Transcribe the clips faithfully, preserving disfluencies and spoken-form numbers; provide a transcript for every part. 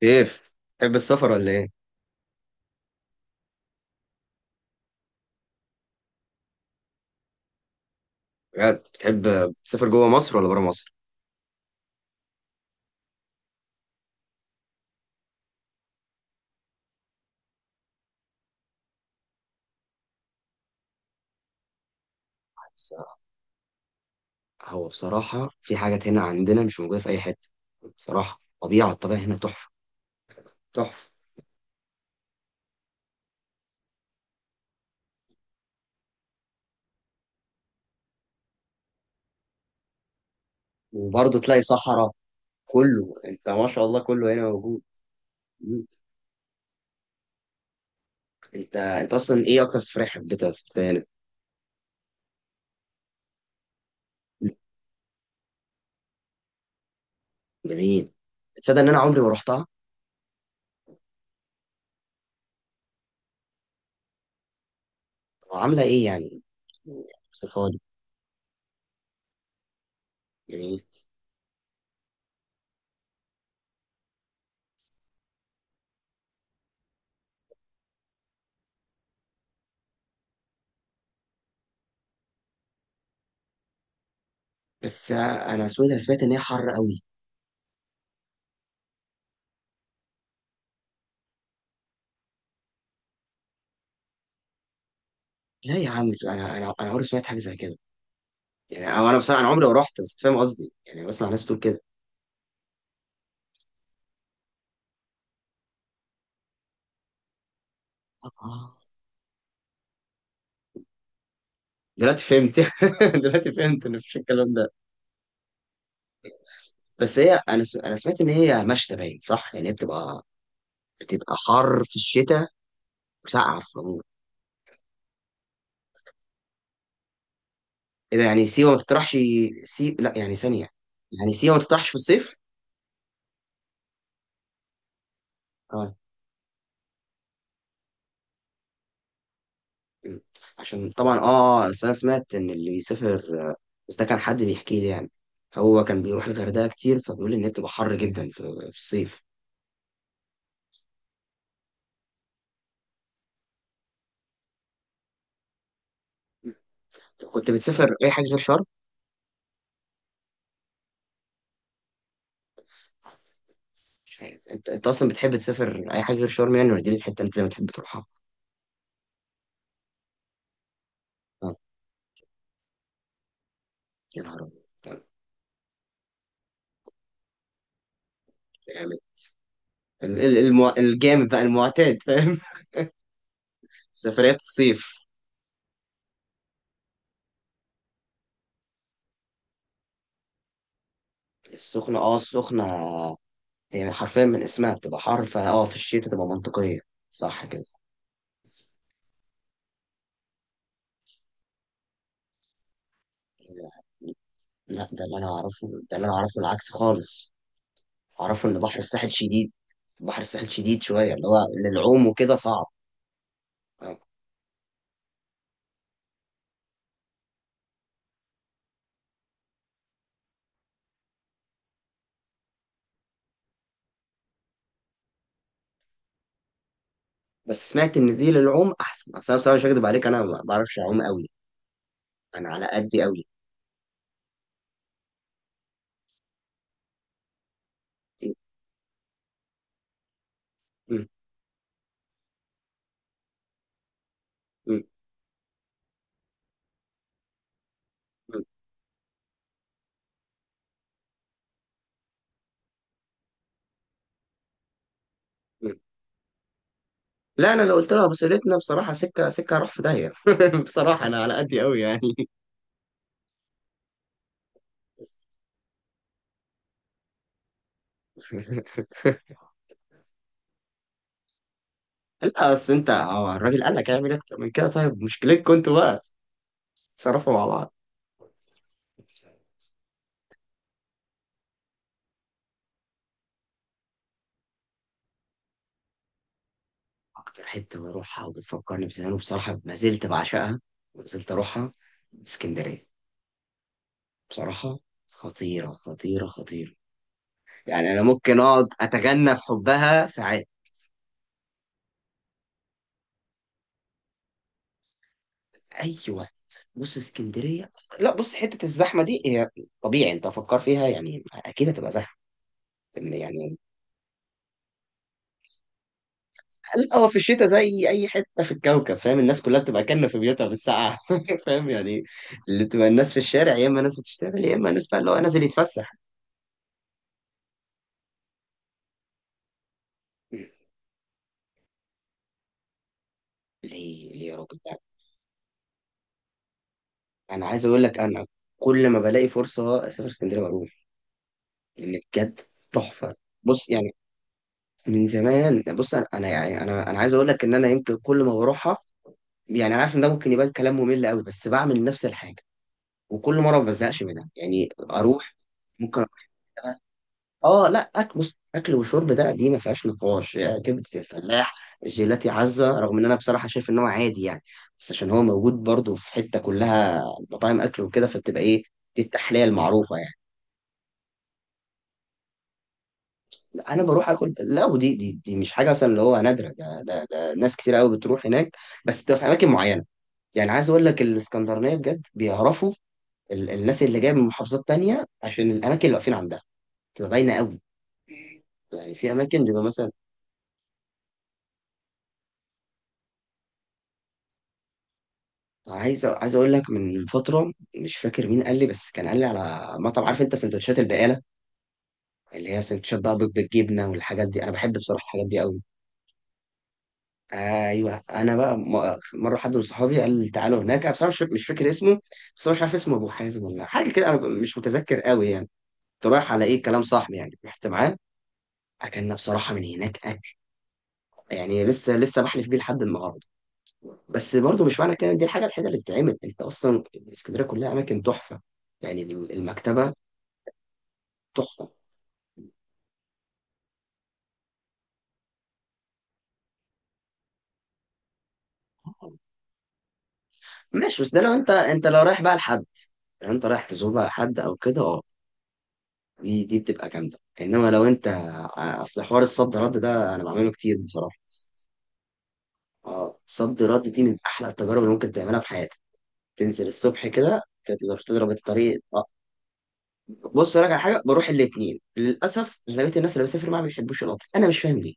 كيف بتحب السفر ولا ايه؟ بجد بتحب تسافر جوه مصر ولا بره مصر؟ بس هو بصراحة في حاجات هنا عندنا مش موجودة في أي حتة، بصراحة طبيعة الطبيعة هنا تحفة تحفة. وبرضه تلاقي صحراء. كله أنت ما شاء الله كله هنا موجود. مم. أنت أنت أصلا إيه أكتر سفرية حبيتها سافرتها هنا؟ مم. جميل. تصدق إن أنا عمري ما رحتها؟ طب عاملة إيه يعني؟ اوصفها لي. جميل. بس أنا سويت أنا سمعت إن هي حر قوي. لا يا عم، أنا أنا أنا عمري ما سمعت حاجة زي كده. يعني هو انا بصراحه انا عمري ما رحت، بس فاهم قصدي، يعني بسمع ناس بتقول كده. آه. دلوقتي فهمت. دلوقتي فهمت ان مفيش الكلام ده. بس هي انا س... انا سمعت ان هي مشتى باين صح، يعني هي بتبقى بتبقى حر في الشتاء وسقعه في العموم. ايه ده؟ يعني سيوه ما تطرحش؟ سي... لا يعني ثانيه. يعني سيوه ما تطرحش في الصيف؟ اه. م. عشان طبعا اه، بس انا سمعت ان اللي بيسافر، آه، بس ده كان حد بيحكي لي يعني. هو كان بيروح الغردقه كتير فبيقول ان هي بتبقى حر جدا في, في الصيف. كنت بتسافر اي حاجه غير شرم؟ مش عارف انت انت اصلا بتحب تسافر اي حاجه غير شرم يعني ولا دي الحته اللي انت دايما بتحب تروحها؟ اه، يا نهار ابيض! طب. جامد. ال- ال- المو... الجامد بقى المعتاد، فاهم؟ سفريات الصيف. السخنه، اه السخنه هي حرفيا من اسمها بتبقى حر، فاه في الشتاء تبقى منطقيه، صح كده؟ لا ده اللي انا اعرفه، ده اللي انا اعرفه العكس خالص، اعرفه ان بحر الساحل شديد. بحر الساحل شديد شويه اللي هو للعوم وكده صعب. اه. بس سمعت ان دي للعوم احسن، اصل انا بصراحه مش هكدب عليك انا ما بعرفش اعوم قوي، انا على قدي قوي. م- م- م- م. م. لا انا لو قلت لها بصيرتنا بصراحه سكه سكه هروح في داهيه بصراحه انا على قدي قوي يعني. لا اصل انت، هو الراجل قال لك هيعمل اكتر من كده؟ طيب مشكلتكم انتوا بقى، تصرفوا مع بعض. اكتر حته بروحها وبتفكرني بزمان وبصراحه ما زلت بعشقها وما زلت اروحها، اسكندريه. بصراحه خطيره خطيره خطيره. يعني انا ممكن اقعد اتغنى بحبها ساعات. اي وقت بص اسكندريه. لا بص، حته الزحمه دي هي طبيعي، انت فكر فيها يعني اكيد هتبقى زحمه. إن يعني، لا هو في الشتاء زي اي حته في الكوكب فاهم، الناس كلها بتبقى كانه في بيوتها بالساعه فاهم يعني؟ اللي بتبقى الناس في الشارع يا اما ناس بتشتغل يا اما ناس بقى اللي هو نازل يتفسح. ليه؟ ليه يا راجل ده؟ انا عايز اقول لك انا كل ما بلاقي فرصه اسافر اسكندريه بروح، لان بجد تحفه. بص يعني من زمان، بص انا، أنا يعني انا انا عايز اقول لك ان انا يمكن كل ما بروحها، يعني انا عارف ان ده ممكن يبان كلام ممل قوي، بس بعمل نفس الحاجه وكل مره ما بزهقش منها يعني اروح. ممكن أروح- اه لا اكل، بص اكل وشرب ده، دي ما فيهاش نقاش يا كبده الفلاح. جيلاتي عزه، رغم ان انا بصراحه شايف ان هو عادي يعني، بس عشان هو موجود برضه في حته كلها مطاعم اكل وكده فبتبقى ايه؟ دي التحليه المعروفه يعني. لا انا بروح اكل، لا ودي دي, دي مش حاجه مثلا اللي هو نادره، ده ده, ده ناس كتير قوي بتروح هناك، بس بتبقى في اماكن معينه. يعني عايز اقول لك الاسكندرانيه بجد بيعرفوا ال- الناس اللي جايه من محافظات تانية عشان الاماكن اللي واقفين عندها تبقى باينه قوي. يعني في اماكن بيبقى مثلا، عايز عايز اقول لك من فتره مش فاكر مين قال لي، بس كان قال لي على مطعم. عارف انت سندوتشات البقاله اللي هي سندوتشات بقى بيض بالجبنه والحاجات دي؟ انا بحب بصراحه الحاجات دي قوي. ايوه انا بقى م- مره حد من صحابي قال لي تعالوا هناك. انا بصراحه مش فاكر- مش فاكر اسمه، بس هو مش عارف اسمه ابو حازم ولا حاجه كده، انا ب- مش متذكر قوي يعني. كنت رايح على ايه كلام صاحبي، يعني رحت معاه. اكلنا بصراحه من هناك اكل يعني لسه لسه بحلف بيه لحد النهارده. بس برضو مش معنى كده إن دي الحاجه الوحيده اللي تتعمل، انت اصلا اسكندريه كلها اماكن تحفه، يعني المكتبه تحفه. ماشي، بس ده لو انت انت لو رايح بقى لحد، لو انت رايح تزور بقى حد او كده، اه دي دي بتبقى جامده، انما لو انت، آه، اصل حوار الصد رد ده انا بعمله كتير بصراحه. اه صد رد دي من احلى التجارب اللي ممكن تعملها في حياتك. تنزل الصبح كده تقدر تضرب الطريق، اه. بص أقول لك على حاجه، بروح الاثنين. للاسف اغلبيه الناس اللي بسافر معاها ما بيحبوش القطر، انا مش فاهم ليه.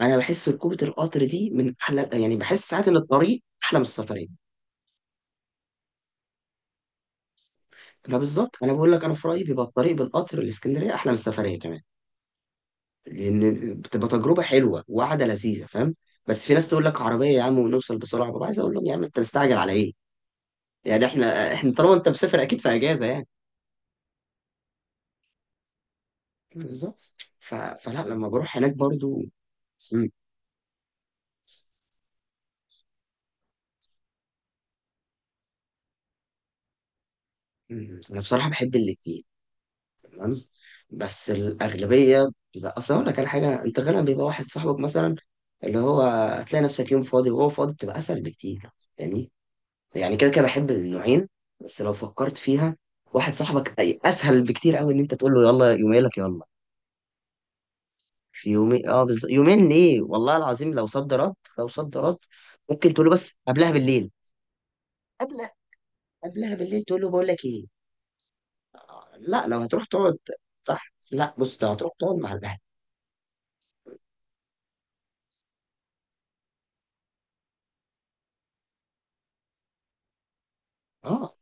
انا بحس ركوبه القطر دي من احلى، يعني بحس ساعات ان الطريق احلى من السفريه. فبالظبط انا بقول لك انا في رايي بيبقى الطريق بالقطر الاسكندريه احلى من السفريه كمان، لان بتبقى تجربه حلوه وقعده لذيذه، فاهم؟ بس في ناس تقول لك عربيه يا عم ونوصل بسرعه، ببقى عايز اقول لهم يا عم انت مستعجل على ايه؟ يعني احنا احنا طالما انت مسافر اكيد في اجازه يعني. بالظبط. ف... فلا لما بروح هناك برضو. مم. مم. انا بصراحه بحب الاثنين. تمام، بس الأغلبية بيبقى، أصل أقول لك على حاجة، أنت غالبا بيبقى واحد صاحبك مثلا اللي هو هتلاقي نفسك يوم فاضي وهو فاضي، بتبقى أسهل بكتير يعني. يعني كده كده بحب النوعين، بس لو فكرت فيها واحد صاحبك أي- أسهل بكتير أوي إن أنت تقول له يلا يومين لك، يلا. في يومين أه، بز... يومين ليه؟ والله العظيم لو صد رد لو صد رد ممكن تقول له، بس قبلها بالليل. قبلها، قبلها بالليل تقول له بقول لك إيه، آه لا لو هتروح تقعد، صح، لا بص لو هتروح تقعد مع الأهل، أه.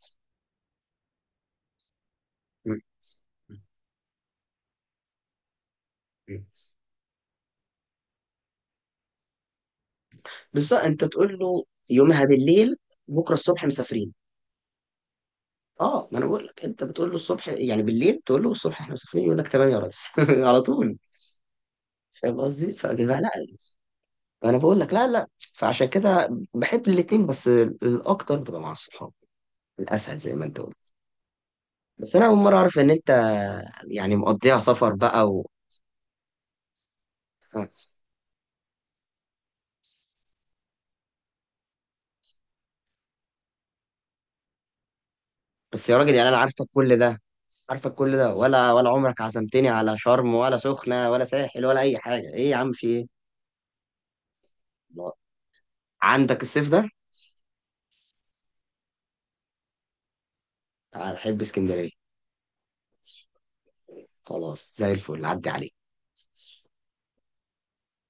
م- م- بالظبط انت تقول له يومها بالليل بكره الصبح مسافرين. اه ما انا بقول لك انت بتقول له الصبح، يعني بالليل تقول له الصبح احنا مسافرين يقول لك تمام يا ريس على طول، فاهم قصدي؟ فبيبقى لا، انا بقول لك لا لا، فعشان كده بحب الاتنين، بس الاكتر بتبقى مع الصحاب الاسهل زي ما انت قلت. بس انا اول مره اعرف ان انت يعني مقضيها سفر بقى و... آه. بس يا راجل يعني انا عارفك كل ده، عارفك كل ده، ولا ولا عمرك عزمتني على شرم ولا سخنه ولا ساحل ولا اي حاجه؟ ايه يا عم؟ في ايه؟ عندك الصيف ده. تعال، بحب اسكندرية، خلاص زي الفل عدي عليك.